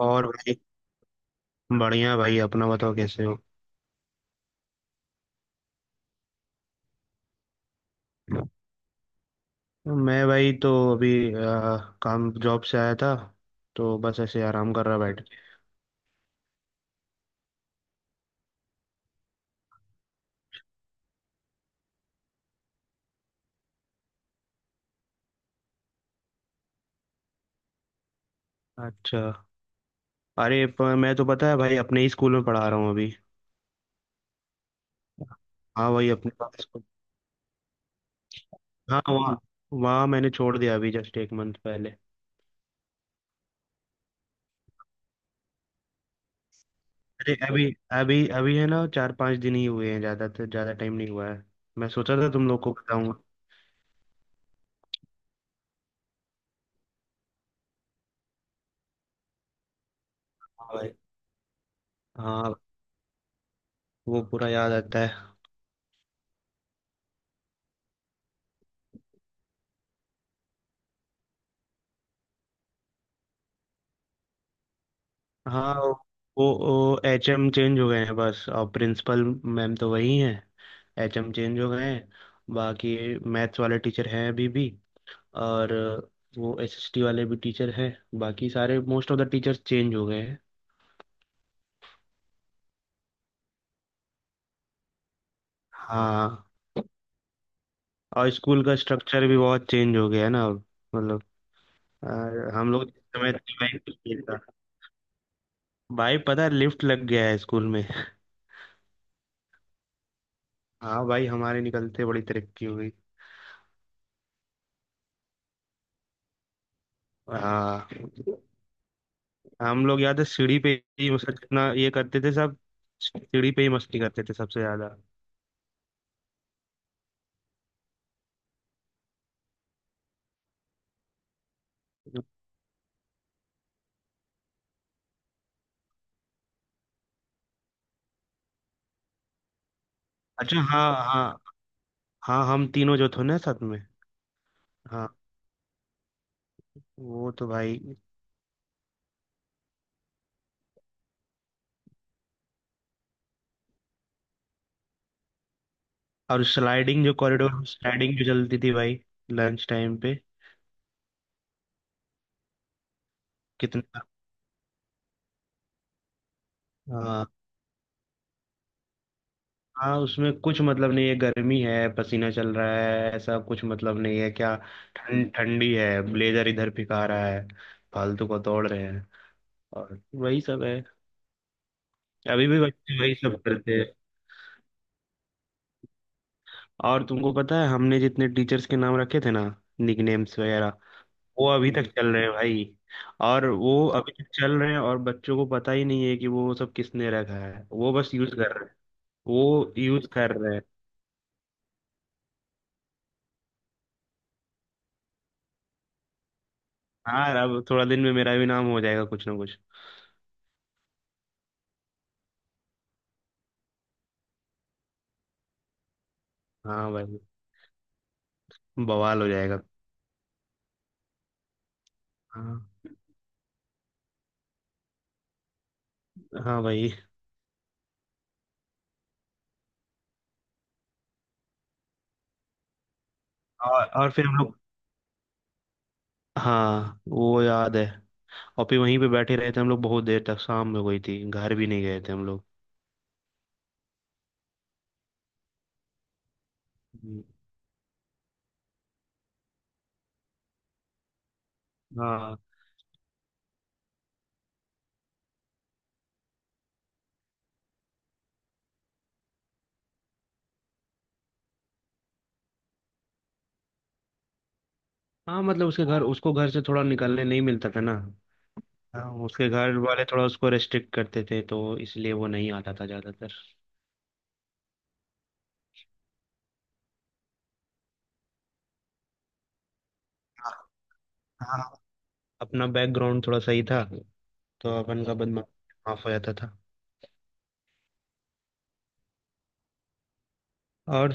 और भाई। बढ़िया भाई, अपना बताओ कैसे हो। मैं भाई तो अभी आ, काम जॉब से आया था, तो बस ऐसे आराम कर रहा बैठ के। अच्छा। मैं तो, पता है भाई, अपने ही स्कूल में पढ़ा रहा हूँ अभी। हाँ भाई अपने पास स्कूल। हाँ वहाँ, मैंने छोड़ दिया अभी, जस्ट एक मंथ पहले। अरे अभी अभी अभी है ना, चार पांच दिन ही हुए हैं, ज्यादा तो ज्यादा टाइम नहीं हुआ है। मैं सोचा था तुम लोग को बताऊंगा। हाँ भाई। हाँ, वो पूरा याद आता है। हाँ वो वो एच एम चेंज हो गए हैं बस, और प्रिंसिपल मैम तो वही हैं। एच एम चेंज हो गए हैं, बाकी मैथ्स वाले टीचर हैं अभी भी, और वो एस एस टी वाले भी टीचर हैं। बाकी सारे most of the teachers change हो गए हैं। हाँ। और स्कूल का स्ट्रक्चर भी बहुत चेंज हो गया है ना अब। मतलब अ, हम लोग जिस समय थे, भाई कुछ नहीं था। भाई पता है, लिफ्ट लग गया है स्कूल में। हाँ भाई, हमारे निकलते बड़ी तरक्की हो गई। हाँ, हम लोग याद है सीढ़ी पे ही, मतलब इतना ये करते थे सब। सीढ़ी पे ही मस्ती करते थे सबसे ज्यादा। अच्छा, हाँ हाँ। हाँ हम तीनों जो थे ना साथ में। हाँ। वो तो भाई। और स्लाइडिंग जो, कॉरिडोर स्लाइडिंग जो चलती थी भाई, लंच टाइम पे। कितना। हाँ। हाँ उसमें कुछ मतलब नहीं है, गर्मी है, पसीना चल रहा है, ऐसा कुछ मतलब नहीं है क्या। ठंड ठंडी है, ब्लेजर इधर फिका रहा है, फालतू को तोड़ रहे हैं, और वही सब है। अभी भी बच्चे वही सब करते हैं। और तुमको पता है, हमने जितने टीचर्स के नाम रखे थे ना, निकनेम्स वगैरह, वो अभी तक चल रहे हैं भाई। और वो अभी तक चल रहे हैं, और बच्चों को पता ही नहीं है कि वो सब किसने रखा है, वो बस यूज कर रहे हैं। वो यूज कर रहे हैं। हाँ, अब थोड़ा दिन में मेरा भी नाम हो जाएगा कुछ ना कुछ। हाँ भाई, बवाल हो जाएगा। हाँ। हाँ भाई। और फिर हम लोग, हाँ वो याद है। और फिर वहीं पे बैठे रहे थे हम लोग बहुत देर तक, शाम हो गई थी, घर भी नहीं गए थे हम लोग। हम्म। हाँ। हाँ मतलब उसके घर, उसको घर से थोड़ा निकलने नहीं मिलता था ना। हाँ, उसके घर वाले थोड़ा उसको रेस्ट्रिक्ट करते थे, तो इसलिए वो नहीं आता था ज्यादातर। हाँ, अपना बैकग्राउंड थोड़ा सही था, तो अपन का बदमाश माफ हो जाता था। और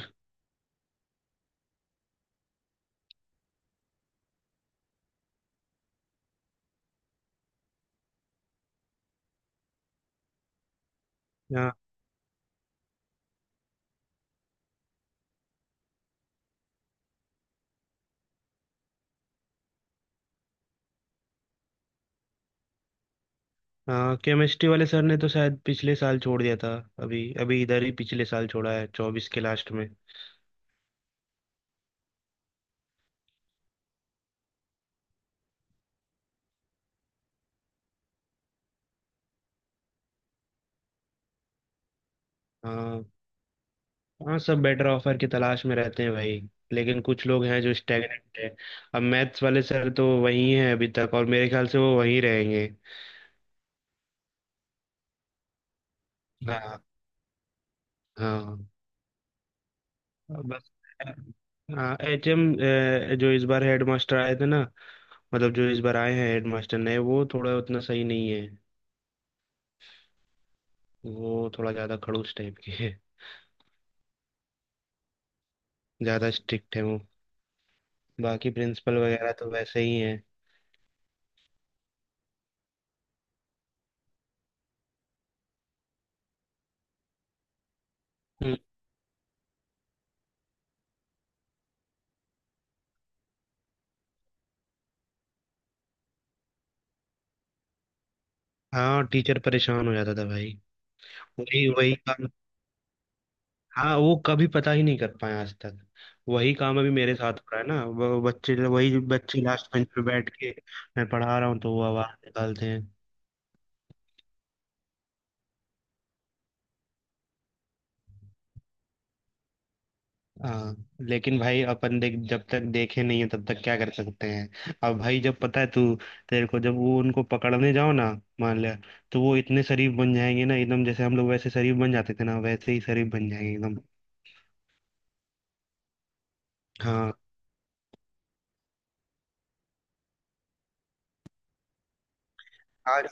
केमिस्ट्री वाले सर ने तो शायद पिछले साल छोड़ दिया था। अभी अभी इधर ही पिछले साल छोड़ा है, चौबीस के लास्ट में। हाँ। हाँ सब बेटर ऑफर की तलाश में रहते हैं भाई, लेकिन कुछ लोग हैं जो स्टैगनेंट है। अब मैथ्स वाले सर तो वही हैं अभी तक, और मेरे ख्याल से वो वहीं रहेंगे। हाँ। हाँ। बस। हाँ, एचएम जो इस बार हेडमास्टर आए थे ना, मतलब जो इस बार आए हैं हेडमास्टर नए, वो थोड़ा उतना सही नहीं है। वो थोड़ा ज्यादा खड़ूस टाइप के हैं, ज्यादा स्ट्रिक्ट है वो। बाकी प्रिंसिपल वगैरह तो वैसे ही है। हम्म। हाँ, टीचर परेशान हो जाता था भाई। वही वही काम। हाँ, वो कभी पता ही नहीं कर पाए आज तक। वही काम अभी मेरे साथ हो रहा है ना, वो बच्चे, वही बच्चे लास्ट बेंच पे बैठ के, मैं पढ़ा रहा हूँ तो वो आवाज निकालते हैं। हाँ, लेकिन भाई अपन देख, जब तक देखे नहीं है तब तक क्या कर सकते हैं। अब भाई जब पता है तू, तेरे को जब वो, उनको पकड़ने जाओ ना, मान ले, तो वो इतने शरीफ बन जाएंगे ना एकदम, जैसे हम लोग वैसे शरीफ बन जाते थे ना, वैसे ही शरीफ बन जाएंगे एकदम। हाँ। आज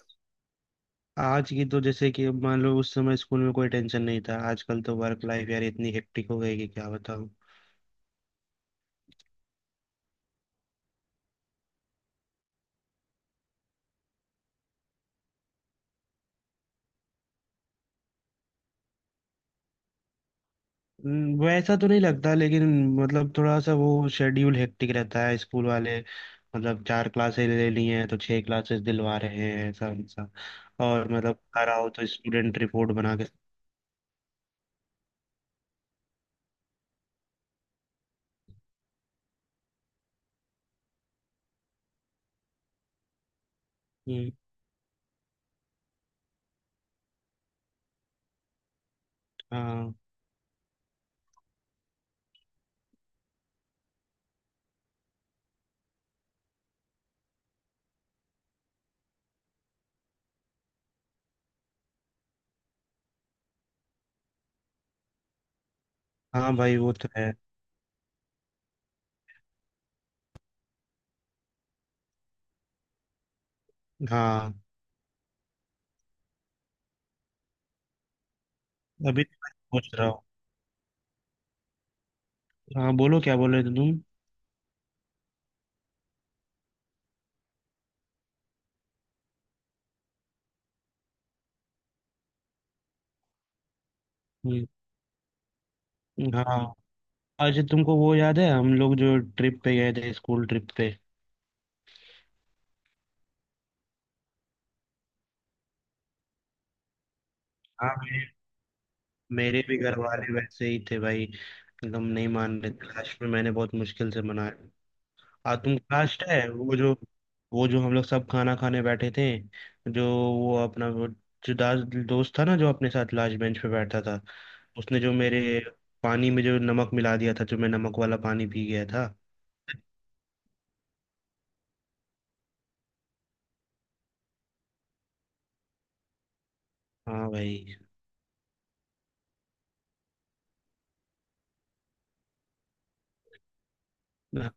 आज की तो, जैसे कि मान लो उस समय स्कूल में कोई टेंशन नहीं था, आजकल तो वर्क लाइफ यार इतनी हेक्टिक हो गई कि क्या बताऊं। वैसा तो नहीं लगता, लेकिन मतलब थोड़ा सा वो शेड्यूल हेक्टिक रहता है स्कूल वाले। मतलब चार क्लासेस ले ली हैं तो छह क्लासेस दिलवा रहे हैं, ऐसा ऐसा। और मतलब घर आओ तो स्टूडेंट रिपोर्ट बना के। हम्म। हाँ। हाँ भाई वो तो है। हाँ, अभी तो मैं सोच रहा हूँ। हाँ, बोलो क्या बोल रहे थे तुम। हम्म। हाँ। अच्छा तुमको वो याद है, हम लोग जो ट्रिप पे गए थे, स्कूल ट्रिप पे। हाँ, मेरे भी घर वाले वैसे ही थे भाई, एकदम नहीं मान रहे थे, लास्ट में मैंने बहुत मुश्किल से मनाया। आ, तुम लास्ट है वो जो, वो जो हम लोग सब खाना खाने बैठे थे, जो वो अपना वो, जो दास दोस्त था ना, जो अपने साथ लास्ट बेंच पे बैठा था, उसने जो मेरे पानी में जो नमक मिला दिया था, जो मैं नमक वाला पानी पी गया था। हाँ भाई। हाँ।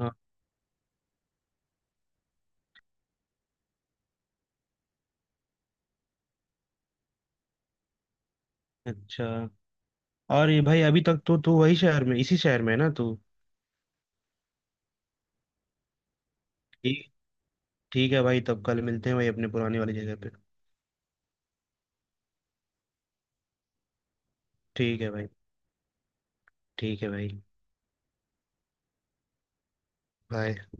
हाँ, अच्छा। और ये भाई, अभी तक तो तू वही शहर में, इसी शहर में है ना तू। ठीक, ठीक है भाई, तब कल मिलते हैं भाई, अपने पुराने वाली जगह पे। ठीक है भाई। ठीक है भाई। बाय।